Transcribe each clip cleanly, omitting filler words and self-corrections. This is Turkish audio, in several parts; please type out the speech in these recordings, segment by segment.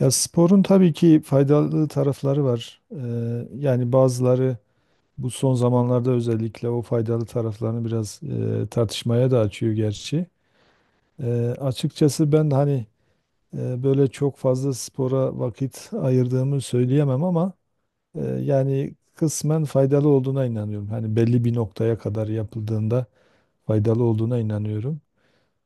Ya sporun tabii ki faydalı tarafları var. Yani bazıları bu son zamanlarda özellikle o faydalı taraflarını biraz tartışmaya da açıyor gerçi. Açıkçası ben hani böyle çok fazla spora vakit ayırdığımı söyleyemem ama yani kısmen faydalı olduğuna inanıyorum. Hani belli bir noktaya kadar yapıldığında faydalı olduğuna inanıyorum.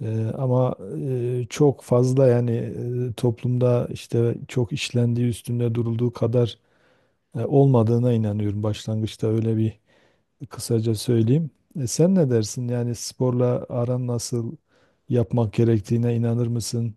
Ama çok fazla yani toplumda işte çok işlendiği üstünde durulduğu kadar olmadığına inanıyorum. Başlangıçta öyle bir kısaca söyleyeyim. Sen ne dersin? Yani sporla aran nasıl, yapmak gerektiğine inanır mısın?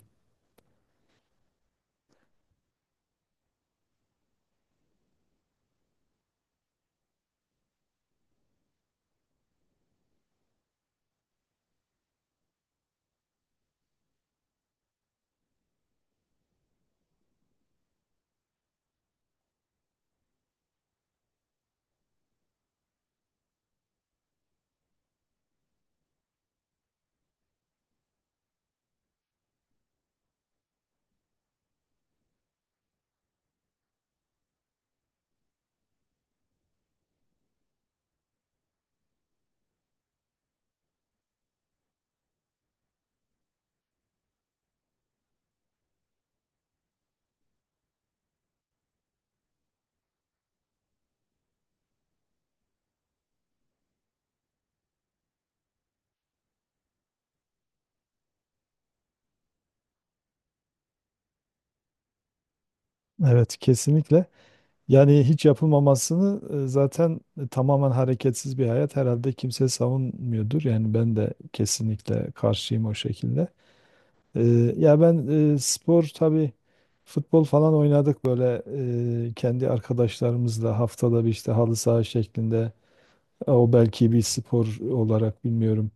Evet, kesinlikle. Yani hiç yapılmamasını zaten tamamen hareketsiz bir hayat herhalde kimse savunmuyordur. Yani ben de kesinlikle karşıyım o şekilde. E, Ya ben spor tabii futbol falan oynadık böyle kendi arkadaşlarımızla haftada bir işte halı saha şeklinde. O belki bir spor olarak bilmiyorum,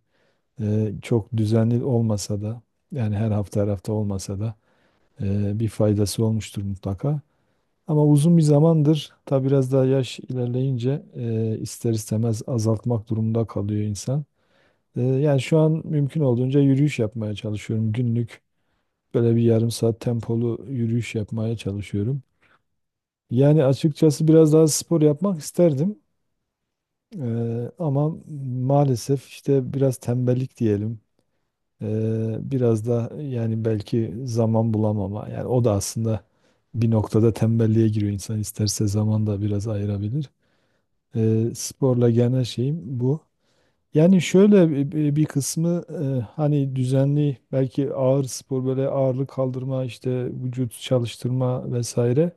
çok düzenli olmasa da yani her hafta her hafta olmasa da bir faydası olmuştur mutlaka. Ama uzun bir zamandır tabi biraz daha yaş ilerleyince ister istemez azaltmak durumunda kalıyor insan. Yani şu an mümkün olduğunca yürüyüş yapmaya çalışıyorum. Günlük böyle bir yarım saat tempolu yürüyüş yapmaya çalışıyorum. Yani açıkçası biraz daha spor yapmak isterdim. Ama maalesef işte biraz tembellik diyelim. Biraz da yani belki zaman bulamama. Yani o da aslında bir noktada tembelliğe giriyor. İnsan isterse zaman da biraz ayırabilir. Sporla genel şeyim bu. Yani şöyle bir kısmı hani düzenli belki ağır spor, böyle ağırlık kaldırma işte vücut çalıştırma vesaire.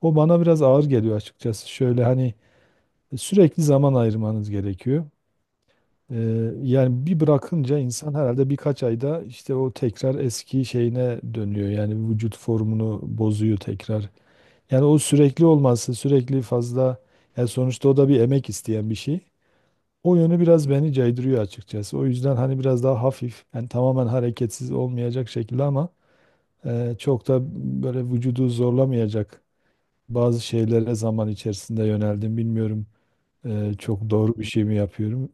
O bana biraz ağır geliyor açıkçası. Şöyle hani sürekli zaman ayırmanız gerekiyor. Yani bir bırakınca insan herhalde birkaç ayda işte o tekrar eski şeyine dönüyor. Yani vücut formunu bozuyor tekrar. Yani o sürekli olması, sürekli fazla, yani sonuçta o da bir emek isteyen bir şey. O yönü biraz beni caydırıyor açıkçası. O yüzden hani biraz daha hafif, yani tamamen hareketsiz olmayacak şekilde ama çok da böyle vücudu zorlamayacak bazı şeylere zaman içerisinde yöneldim. Bilmiyorum çok doğru bir şey mi yapıyorum.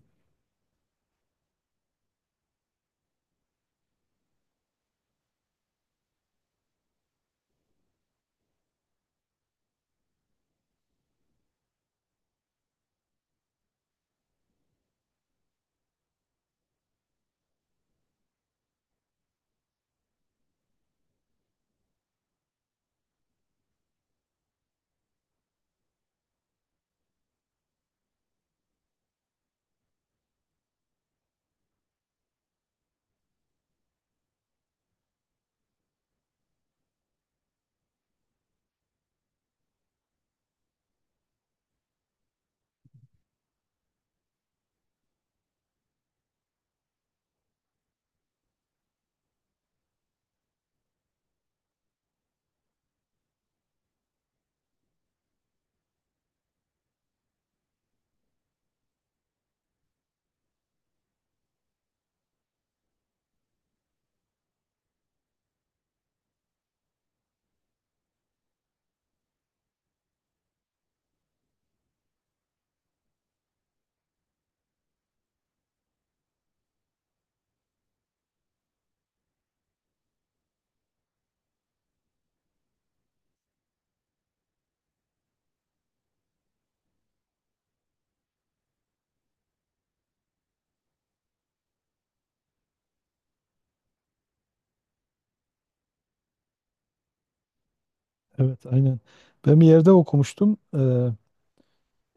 Evet, aynen. Ben bir yerde okumuştum.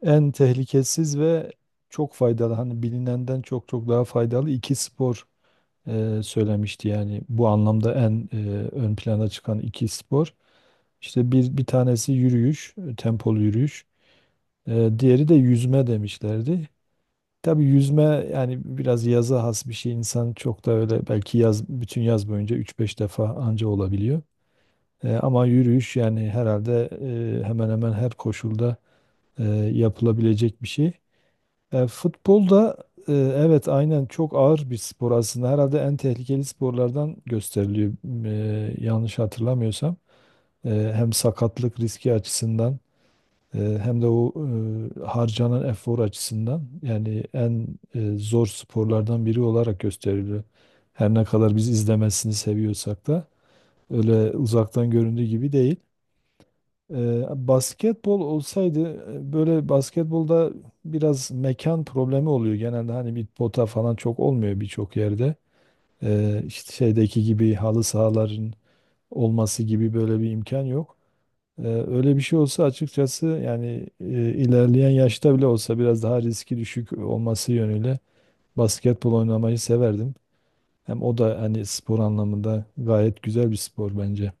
En tehlikesiz ve çok faydalı, hani bilinenden çok çok daha faydalı iki spor söylemişti. Yani bu anlamda en ön plana çıkan iki spor. İşte bir tanesi yürüyüş, tempolu yürüyüş. Diğeri de yüzme demişlerdi. Tabii yüzme yani biraz yaza has bir şey. İnsan çok da öyle belki yaz, bütün yaz boyunca üç beş defa anca olabiliyor. Ama yürüyüş yani herhalde hemen hemen her koşulda e, yapılabilecek bir şey. Futbol da evet aynen çok ağır bir spor aslında. Herhalde en tehlikeli sporlardan gösteriliyor yanlış hatırlamıyorsam. E, Hem sakatlık riski açısından hem de o harcanan efor açısından yani en zor sporlardan biri olarak gösteriliyor. Her ne kadar biz izlemesini seviyorsak da öyle uzaktan göründüğü gibi değil. Basketbol olsaydı, böyle basketbolda biraz mekan problemi oluyor. Genelde hani bir pota falan çok olmuyor birçok yerde. İşte şeydeki gibi halı sahaların olması gibi böyle bir imkan yok. Öyle bir şey olsa açıkçası yani ilerleyen yaşta bile olsa biraz daha riski düşük olması yönüyle basketbol oynamayı severdim. Hem o da hani spor anlamında gayet güzel bir spor bence.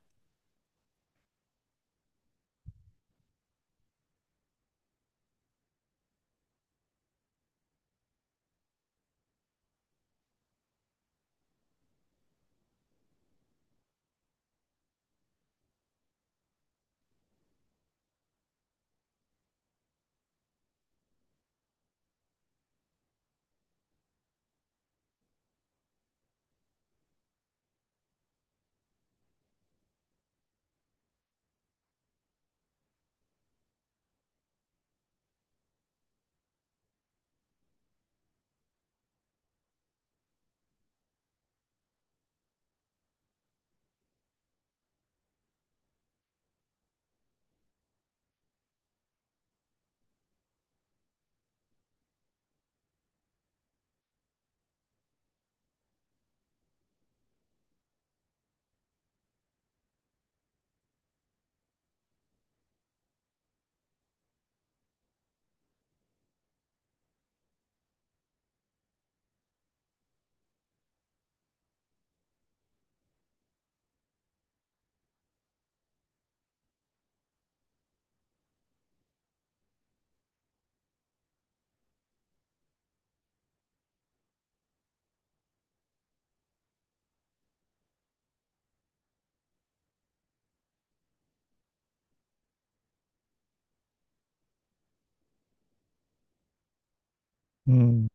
Hmm.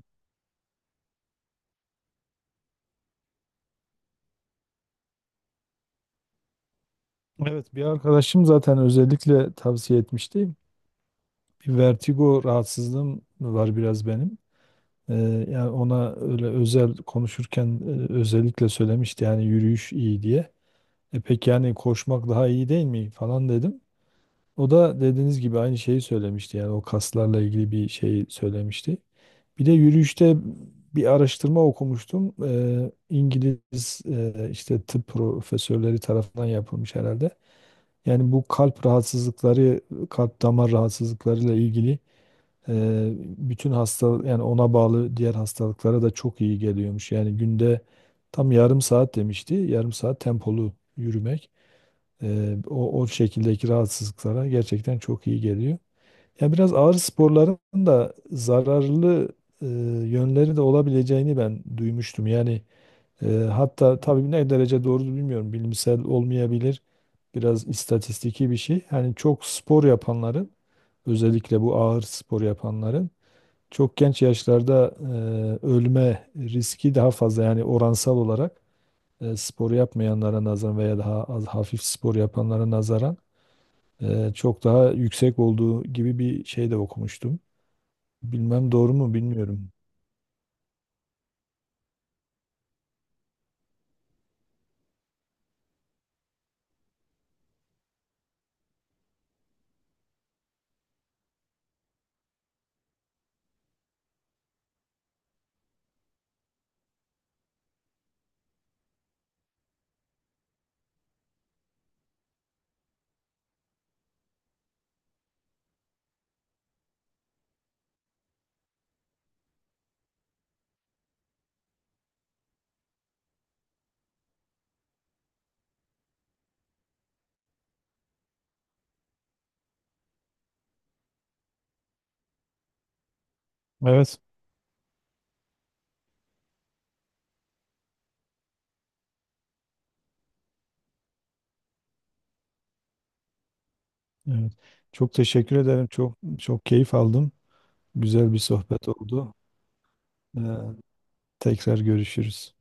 Evet, bir arkadaşım zaten özellikle tavsiye etmişti. Bir vertigo rahatsızlığım var biraz benim. Ee, yani ona öyle özel konuşurken özellikle söylemişti yani yürüyüş iyi diye. E peki, yani koşmak daha iyi değil mi falan dedim. O da dediğiniz gibi aynı şeyi söylemişti. Yani o kaslarla ilgili bir şey söylemişti. Bir de yürüyüşte bir araştırma okumuştum. İngiliz işte tıp profesörleri tarafından yapılmış herhalde. Yani bu kalp rahatsızlıkları, kalp damar rahatsızlıklarıyla ilgili, bütün hasta, yani ona bağlı diğer hastalıklara da çok iyi geliyormuş. Yani günde tam yarım saat demişti. Yarım saat tempolu yürümek o şekildeki rahatsızlıklara gerçekten çok iyi geliyor. Ya biraz ağır sporların da zararlı eee, yönleri de olabileceğini ben duymuştum. Yani hatta tabii ne derece doğru bilmiyorum. Bilimsel olmayabilir. Biraz istatistiki bir şey. Yani çok spor yapanların, özellikle bu ağır spor yapanların çok genç yaşlarda ölme riski daha fazla, yani oransal olarak spor yapmayanlara nazaran veya daha az hafif spor yapanlara nazaran çok daha yüksek olduğu gibi bir şey de okumuştum. Bilmem doğru mu bilmiyorum. Evet, evet. Çok teşekkür ederim. Çok çok keyif aldım. Güzel bir sohbet oldu. E, Tekrar görüşürüz.